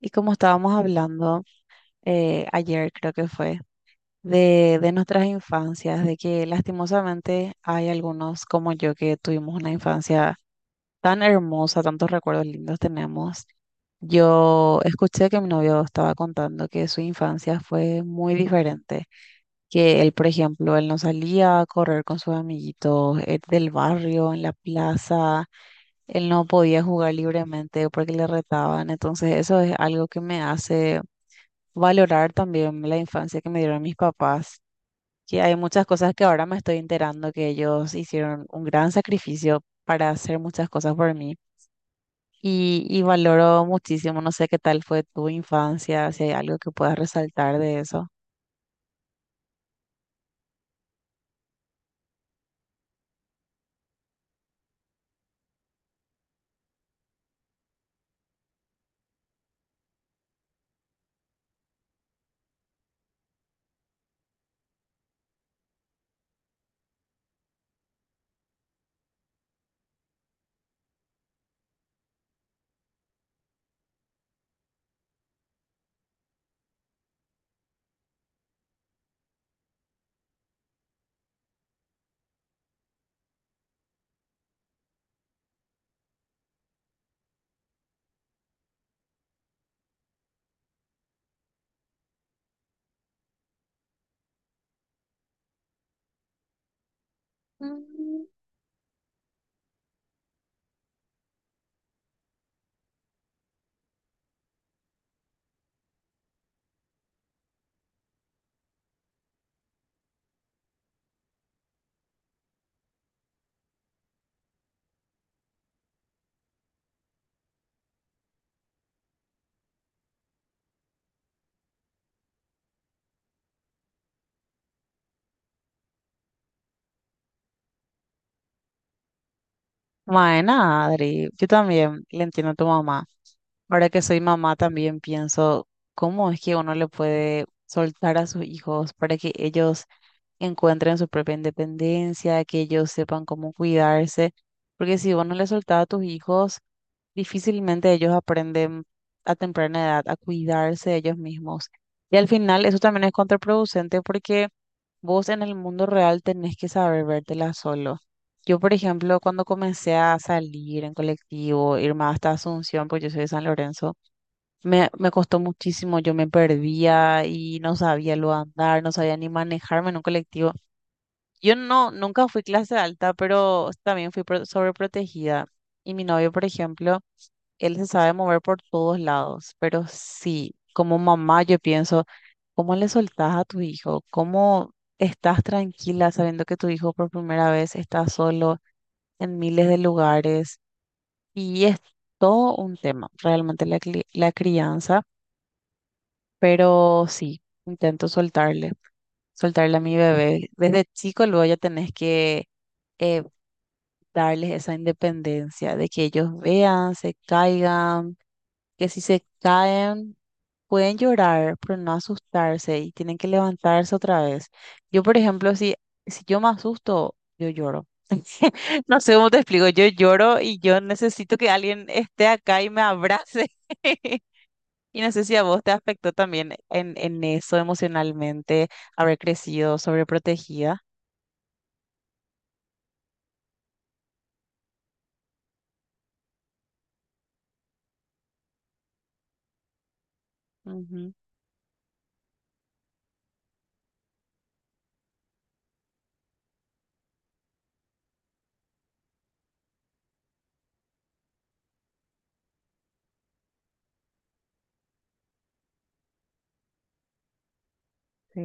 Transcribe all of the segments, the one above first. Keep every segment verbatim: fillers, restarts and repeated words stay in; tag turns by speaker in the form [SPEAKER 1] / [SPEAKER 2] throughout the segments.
[SPEAKER 1] Y como estábamos hablando eh, ayer, creo que fue, de, de nuestras infancias, de que lastimosamente hay algunos como yo que tuvimos una infancia tan hermosa, tantos recuerdos lindos tenemos. Yo escuché que mi novio estaba contando que su infancia fue muy diferente, que él, por ejemplo, él no salía a correr con sus amiguitos eh, del barrio, en la plaza, él no podía jugar libremente porque le retaban, entonces eso es algo que me hace valorar también la infancia que me dieron mis papás, que hay muchas cosas que ahora me estoy enterando que ellos hicieron un gran sacrificio para hacer muchas cosas por mí. Y, y valoro muchísimo, no sé qué tal fue tu infancia, si hay algo que puedas resaltar de eso. Mm. Bueno, Adri, yo también le entiendo a tu mamá. Ahora que soy mamá, también pienso cómo es que uno le puede soltar a sus hijos para que ellos encuentren su propia independencia, que ellos sepan cómo cuidarse, porque si vos no les soltás a tus hijos, difícilmente ellos aprenden a temprana edad a cuidarse ellos mismos. Y al final eso también es contraproducente porque vos en el mundo real tenés que saber vértela solo. Yo, por ejemplo, cuando comencé a salir en colectivo, irme hasta Asunción, porque yo soy de San Lorenzo, me, me costó muchísimo, yo me perdía y no sabía lo andar, no sabía ni manejarme en un colectivo. Yo no, nunca fui clase alta, pero también fui pro- sobreprotegida. Y mi novio, por ejemplo, él se sabe mover por todos lados, pero sí, como mamá yo pienso, ¿cómo le soltás a tu hijo? ¿Cómo estás tranquila sabiendo que tu hijo por primera vez está solo en miles de lugares? Y es todo un tema, realmente la, cli- la crianza, pero sí, intento soltarle, soltarle a mi bebé. Desde chico luego ya tenés que... eh, darles esa independencia, de que ellos vean, se caigan, que si se caen pueden llorar, pero no asustarse y tienen que levantarse otra vez. Yo, por ejemplo, si, si yo me asusto, yo lloro. No sé cómo te explico, yo lloro y yo necesito que alguien esté acá y me abrace. Y no sé si a vos te afectó también en, en eso emocionalmente, haber crecido sobreprotegida. Ujú. Sí.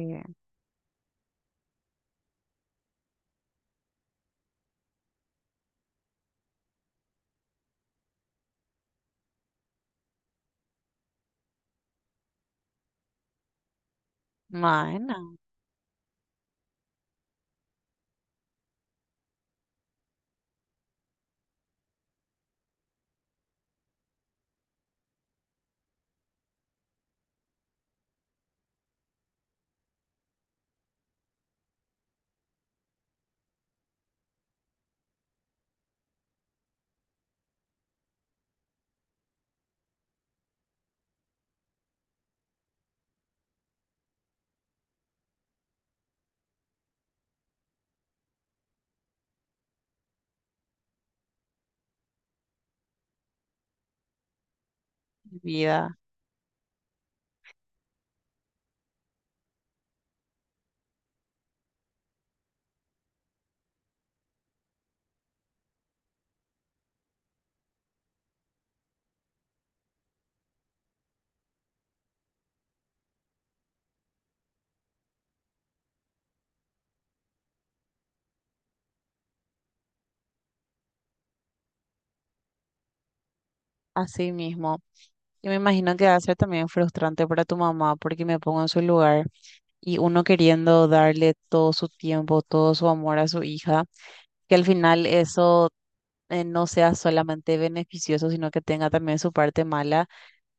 [SPEAKER 1] Bueno, vida, así mismo. Yo me imagino que va a ser también frustrante para tu mamá porque me pongo en su lugar y uno queriendo darle todo su tiempo, todo su amor a su hija, que al final eso eh, no sea solamente beneficioso, sino que tenga también su parte mala,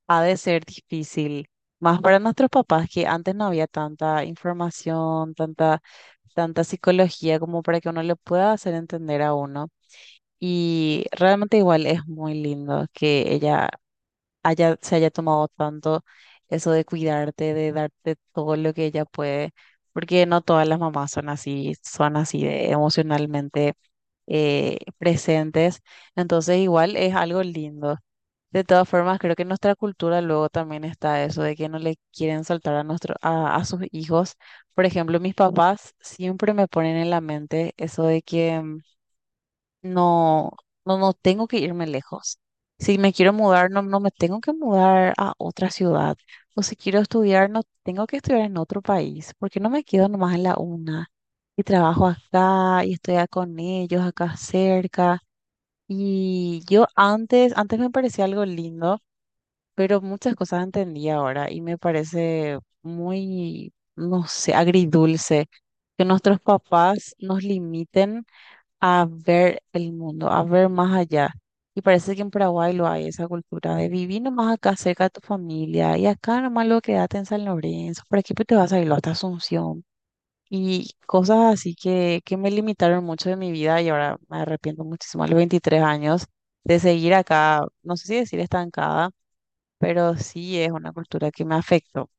[SPEAKER 1] ha de ser difícil. Más para nuestros papás que antes no había tanta información, tanta, tanta psicología como para que uno le pueda hacer entender a uno. Y realmente igual es muy lindo que ella haya, se haya tomado tanto eso de cuidarte, de darte todo lo que ella puede, porque no todas las mamás son así, son así de emocionalmente eh, presentes, entonces igual es algo lindo. De todas formas, creo que en nuestra cultura luego también está eso de que no le quieren soltar a, nuestro, a, a sus hijos. Por ejemplo, mis papás siempre me ponen en la mente eso de que mm, no, no, no tengo que irme lejos. Si me quiero mudar, no, no me tengo que mudar a otra ciudad. O si quiero estudiar, no tengo que estudiar en otro país. Porque no me quedo nomás en la una. Y trabajo acá y estoy a- con ellos acá cerca. Y yo antes, antes me parecía algo lindo, pero muchas cosas entendí ahora y me parece muy, no sé, agridulce que nuestros papás nos limiten a ver el mundo, a ver más allá. Y parece que en Paraguay lo hay, esa cultura de vivir nomás acá cerca de tu familia y acá nomás lo quédate en San Lorenzo, por aquí pues te vas a ir hasta Asunción. Y cosas así que, que me limitaron mucho de mi vida y ahora me arrepiento muchísimo a los veintitrés años de seguir acá, no sé si decir estancada, pero sí es una cultura que me afectó.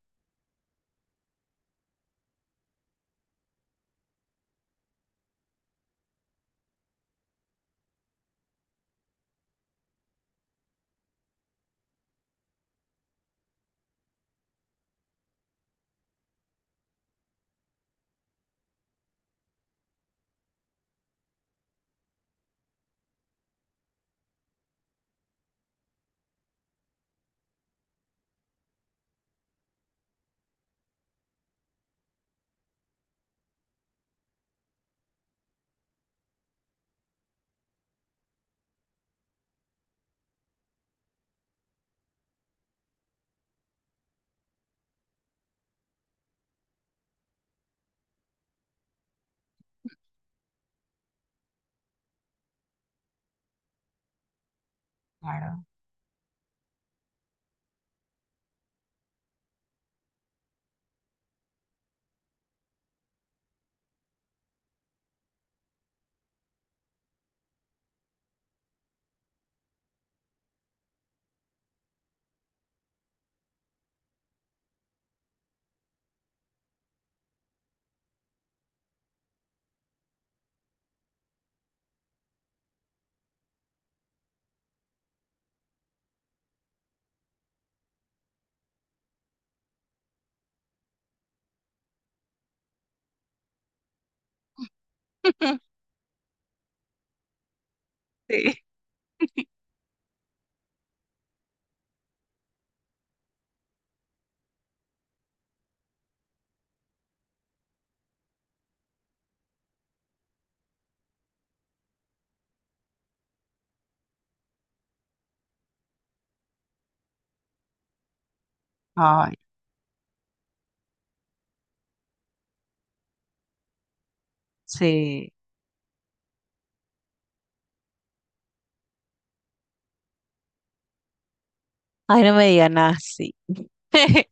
[SPEAKER 1] Claro. Sí. Ay, sí. Ay, no me digan así.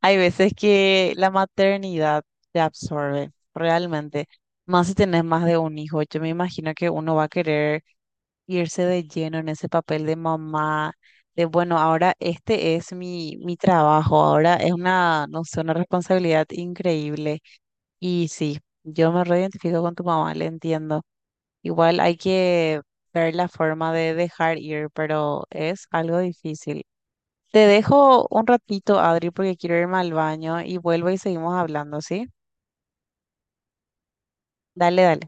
[SPEAKER 1] Hay veces que la maternidad te absorbe, realmente. Más si tenés más de un hijo. Yo me imagino que uno va a querer irse de lleno en ese papel de mamá, de bueno, ahora este es mi, mi trabajo, ahora es una, no sé, una responsabilidad increíble. Y sí, yo me reidentifico con tu mamá, le entiendo. Igual hay que ver la forma de dejar ir, pero es algo difícil. Te dejo un ratito, Adri, porque quiero irme al baño y vuelvo y seguimos hablando, ¿sí? Dale, dale.